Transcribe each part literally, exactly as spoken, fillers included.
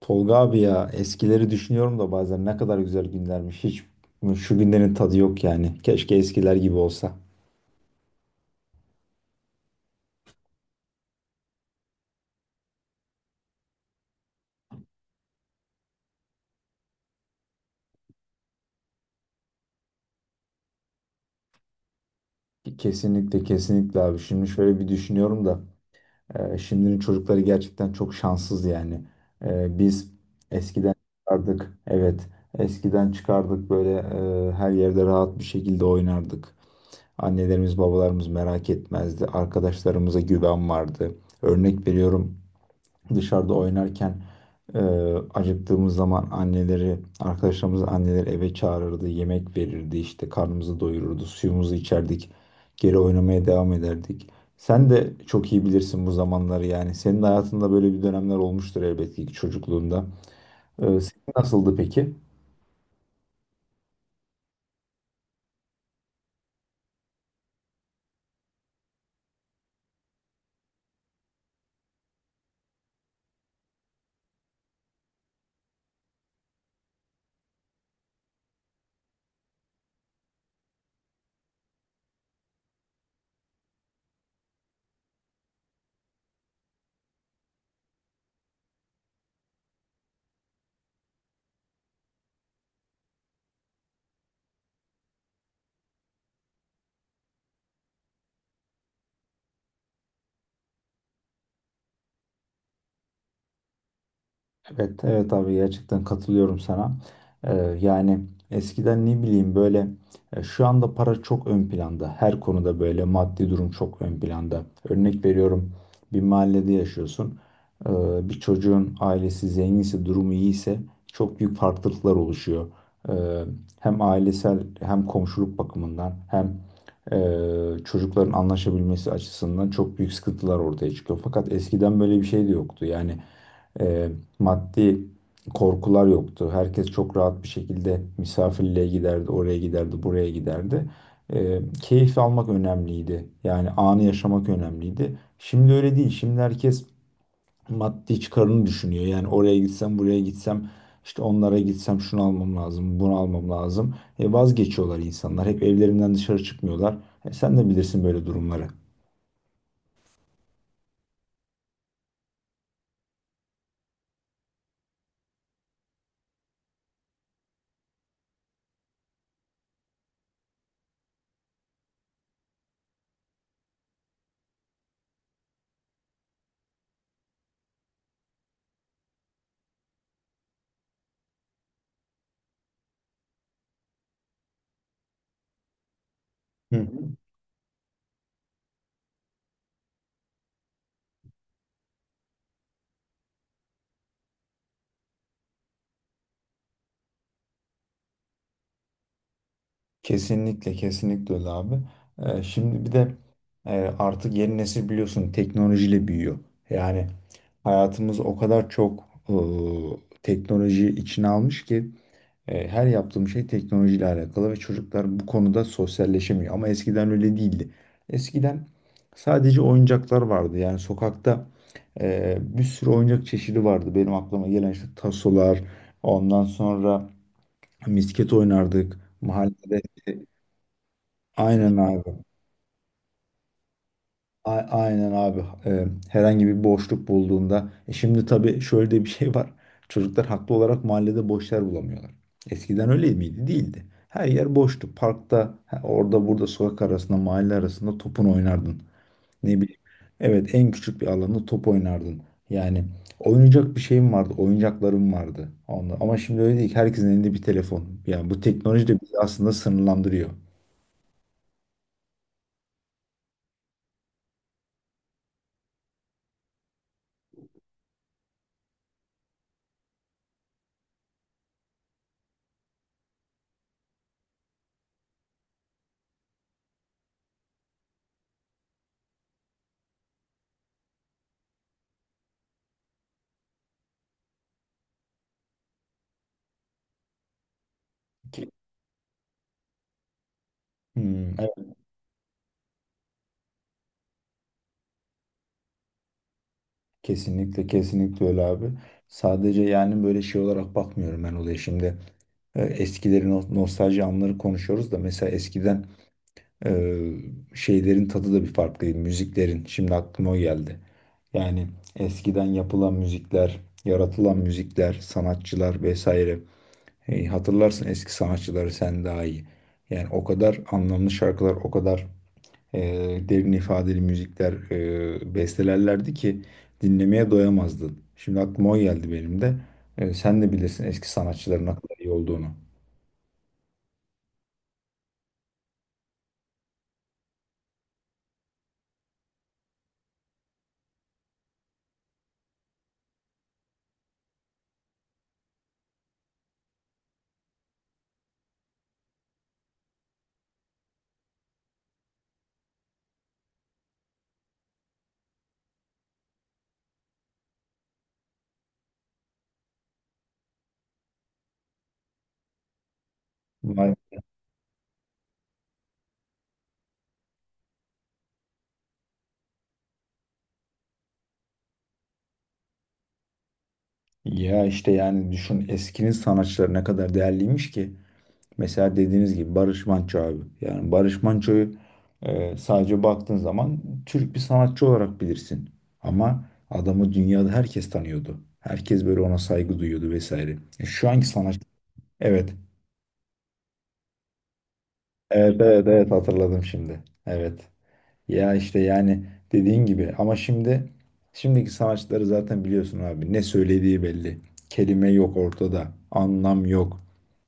Tolga abi ya, eskileri düşünüyorum da bazen ne kadar güzel günlermiş. Hiç şu günlerin tadı yok yani. Keşke eskiler gibi olsa. Kesinlikle kesinlikle abi. Şimdi şöyle bir düşünüyorum da e, şimdinin çocukları gerçekten çok şanssız yani. E, biz eskiden çıkardık. Evet, eskiden çıkardık böyle, e, her yerde rahat bir şekilde oynardık. Annelerimiz babalarımız merak etmezdi. Arkadaşlarımıza güven vardı. Örnek veriyorum, dışarıda oynarken e, acıktığımız zaman anneleri, arkadaşlarımız anneleri eve çağırırdı, yemek verirdi, işte karnımızı doyururdu, suyumuzu içerdik, geri oynamaya devam ederdik. Sen de çok iyi bilirsin bu zamanları yani. Senin hayatında böyle bir dönemler olmuştur elbette ki çocukluğunda. E, senin nasıldı peki? Evet, evet abi, gerçekten katılıyorum sana. Ee, yani eskiden ne bileyim böyle, e, şu anda para çok ön planda. Her konuda böyle maddi durum çok ön planda. Örnek veriyorum, bir mahallede yaşıyorsun. Ee, Bir çocuğun ailesi zenginse, durumu iyiyse çok büyük farklılıklar oluşuyor. Ee, Hem ailesel hem komşuluk bakımından hem e, çocukların anlaşabilmesi açısından çok büyük sıkıntılar ortaya çıkıyor. Fakat eskiden böyle bir şey de yoktu. Yani e, maddi korkular yoktu. Herkes çok rahat bir şekilde misafirliğe giderdi, oraya giderdi, buraya giderdi. E, keyif almak önemliydi. Yani anı yaşamak önemliydi. Şimdi öyle değil. Şimdi herkes maddi çıkarını düşünüyor. Yani oraya gitsem, buraya gitsem, işte onlara gitsem şunu almam lazım, bunu almam lazım. E, vazgeçiyorlar insanlar. Hep evlerinden dışarı çıkmıyorlar. E, sen de bilirsin böyle durumları. Hı. Kesinlikle kesinlikle öyle abi. Ee, şimdi bir de e, artık yeni nesil biliyorsun teknolojiyle büyüyor. Yani hayatımız o kadar çok e, teknoloji içine almış ki e, her yaptığım şey teknolojiyle alakalı ve çocuklar bu konuda sosyalleşemiyor. Ama eskiden öyle değildi. Eskiden sadece oyuncaklar vardı. Yani sokakta e, bir sürü oyuncak çeşidi vardı. Benim aklıma gelen işte tasolar, ondan sonra misket oynardık. Mahallede. Aynen abi. A- aynen abi. Ee, herhangi bir boşluk bulduğunda. E şimdi tabii şöyle de bir şey var. Çocuklar haklı olarak mahallede boş yer bulamıyorlar. Eskiden öyle miydi? Değildi. Her yer boştu. Parkta, ha, orada burada sokak arasında, mahalle arasında topun oynardın. Ne bileyim. Evet, en küçük bir alanda top oynardın. Yani oynayacak bir şeyim vardı, oyuncaklarım vardı. Onunla. Ama şimdi öyle değil ki, herkesin elinde bir telefon. Yani bu teknoloji de bizi aslında sınırlandırıyor. Ki- Hmm. Kesinlikle kesinlikle öyle abi. Sadece yani böyle şey olarak bakmıyorum ben olaya şimdi. E, eskilerin no- nostalji anları konuşuyoruz da mesela eskiden e, şeylerin tadı da bir farklıydı, müziklerin. Şimdi aklıma o geldi. Yani eskiden yapılan müzikler, yaratılan müzikler, sanatçılar vesaire. Hey, hatırlarsın eski sanatçıları sen daha iyi. Yani o kadar anlamlı şarkılar, o kadar e, derin ifadeli müzikler e, bestelerlerdi ki dinlemeye doyamazdın. Şimdi aklıma o geldi benim de. E, sen de bilirsin eski sanatçıların ne kadar iyi olduğunu. Vay. Ya işte yani düşün, eskinin sanatçıları ne kadar değerliymiş ki. Mesela dediğiniz gibi Barış Manço abi. Yani Barış Manço'yu e, sadece baktığın zaman Türk bir sanatçı olarak bilirsin. Ama adamı dünyada herkes tanıyordu. Herkes böyle ona saygı duyuyordu vesaire. E, şu anki sanatçı. Evet. Evet, evet, evet, hatırladım şimdi. Evet. Ya işte yani dediğin gibi ama şimdi şimdiki sanatçıları zaten biliyorsun abi, ne söylediği belli. Kelime yok ortada. Anlam yok.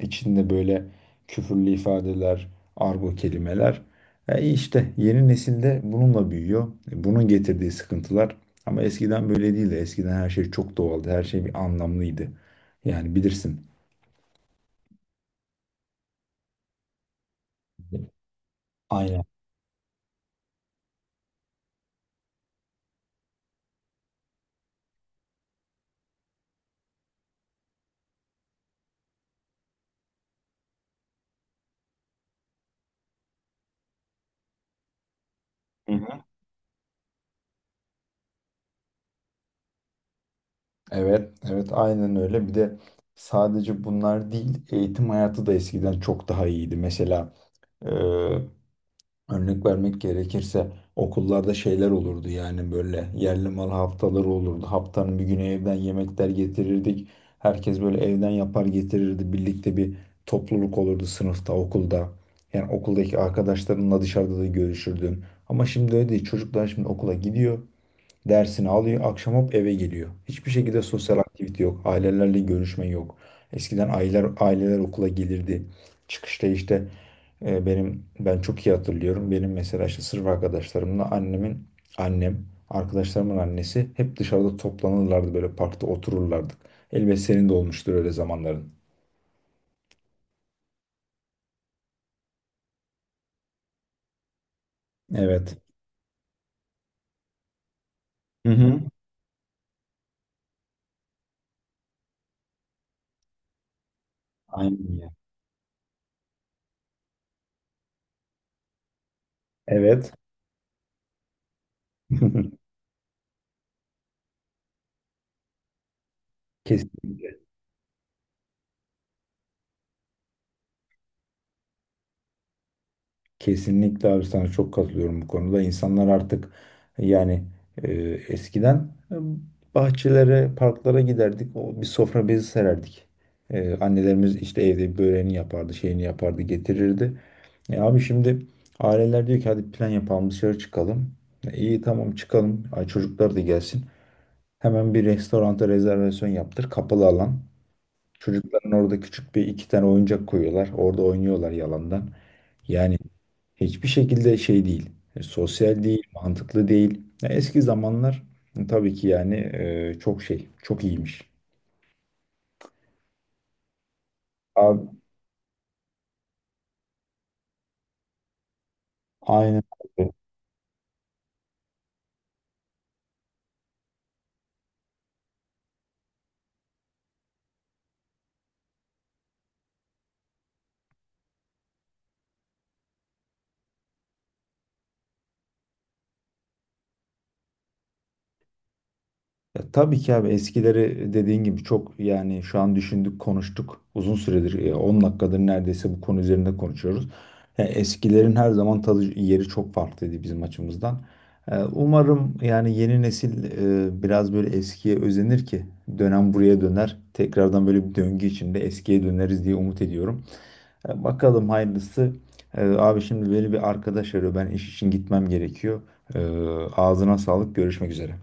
İçinde böyle küfürlü ifadeler, argo kelimeler. E işte yeni nesilde bununla büyüyor. E bunun getirdiği sıkıntılar. Ama eskiden böyle değildi. Eskiden her şey çok doğaldı. Her şey bir anlamlıydı. Yani bilirsin. Aynen. Evet, evet, aynen öyle. Bir de sadece bunlar değil, eğitim hayatı da eskiden çok daha iyiydi. Mesela e, örnek vermek gerekirse, okullarda şeyler olurdu yani, böyle yerli mal haftaları olurdu. Haftanın bir günü evden yemekler getirirdik. Herkes böyle evden yapar getirirdi. Birlikte bir topluluk olurdu sınıfta, okulda. Yani okuldaki arkadaşlarınla dışarıda da görüşürdün. Ama şimdi öyle değil. Çocuklar şimdi okula gidiyor. Dersini alıyor, akşam hop eve geliyor. Hiçbir şekilde sosyal aktivite yok. Ailelerle görüşme yok. Eskiden aileler, aileler okula gelirdi. Çıkışta işte e, benim ben çok iyi hatırlıyorum. Benim mesela işte sırf arkadaşlarımla annemin annem, arkadaşlarımın annesi hep dışarıda toplanırlardı, böyle parkta otururlardık. Elbet senin de olmuştur öyle zamanların. Evet. Hı hı. Aynen ya. Evet. Kesinlikle. Kesinlikle abi, sana çok katılıyorum bu konuda. İnsanlar artık yani, e, eskiden e, bahçelere, parklara giderdik. O bir sofra bezi sererdik. E, annelerimiz işte evde böreğini yapardı, şeyini yapardı, getirirdi. E, abi şimdi aileler diyor ki hadi plan yapalım, dışarı çıkalım. E, iyi tamam çıkalım. Ay, çocuklar da gelsin. Hemen bir restoranta rezervasyon yaptır. Kapalı alan. Çocukların orada küçük bir iki tane oyuncak koyuyorlar. Orada oynuyorlar yalandan. Yani hiçbir şekilde şey değil. e, Sosyal değil, mantıklı değil. Ya eski zamanlar tabii ki yani, e, çok şey, çok iyiymiş. Abi, aynen. Ya tabii ki abi, eskileri e, dediğin gibi çok, yani şu an düşündük konuştuk uzun süredir, e, on dakikadır neredeyse bu konu üzerinde konuşuyoruz. Ya eskilerin her zaman tadı yeri çok farklıydı bizim açımızdan. E, umarım yani yeni nesil e, biraz böyle eskiye özenir ki dönem buraya döner. Tekrardan böyle bir döngü içinde eskiye döneriz diye umut ediyorum. E, bakalım hayırlısı. E, abi şimdi beni bir arkadaş arıyor, ben iş için gitmem gerekiyor. E, ağzına sağlık, görüşmek üzere.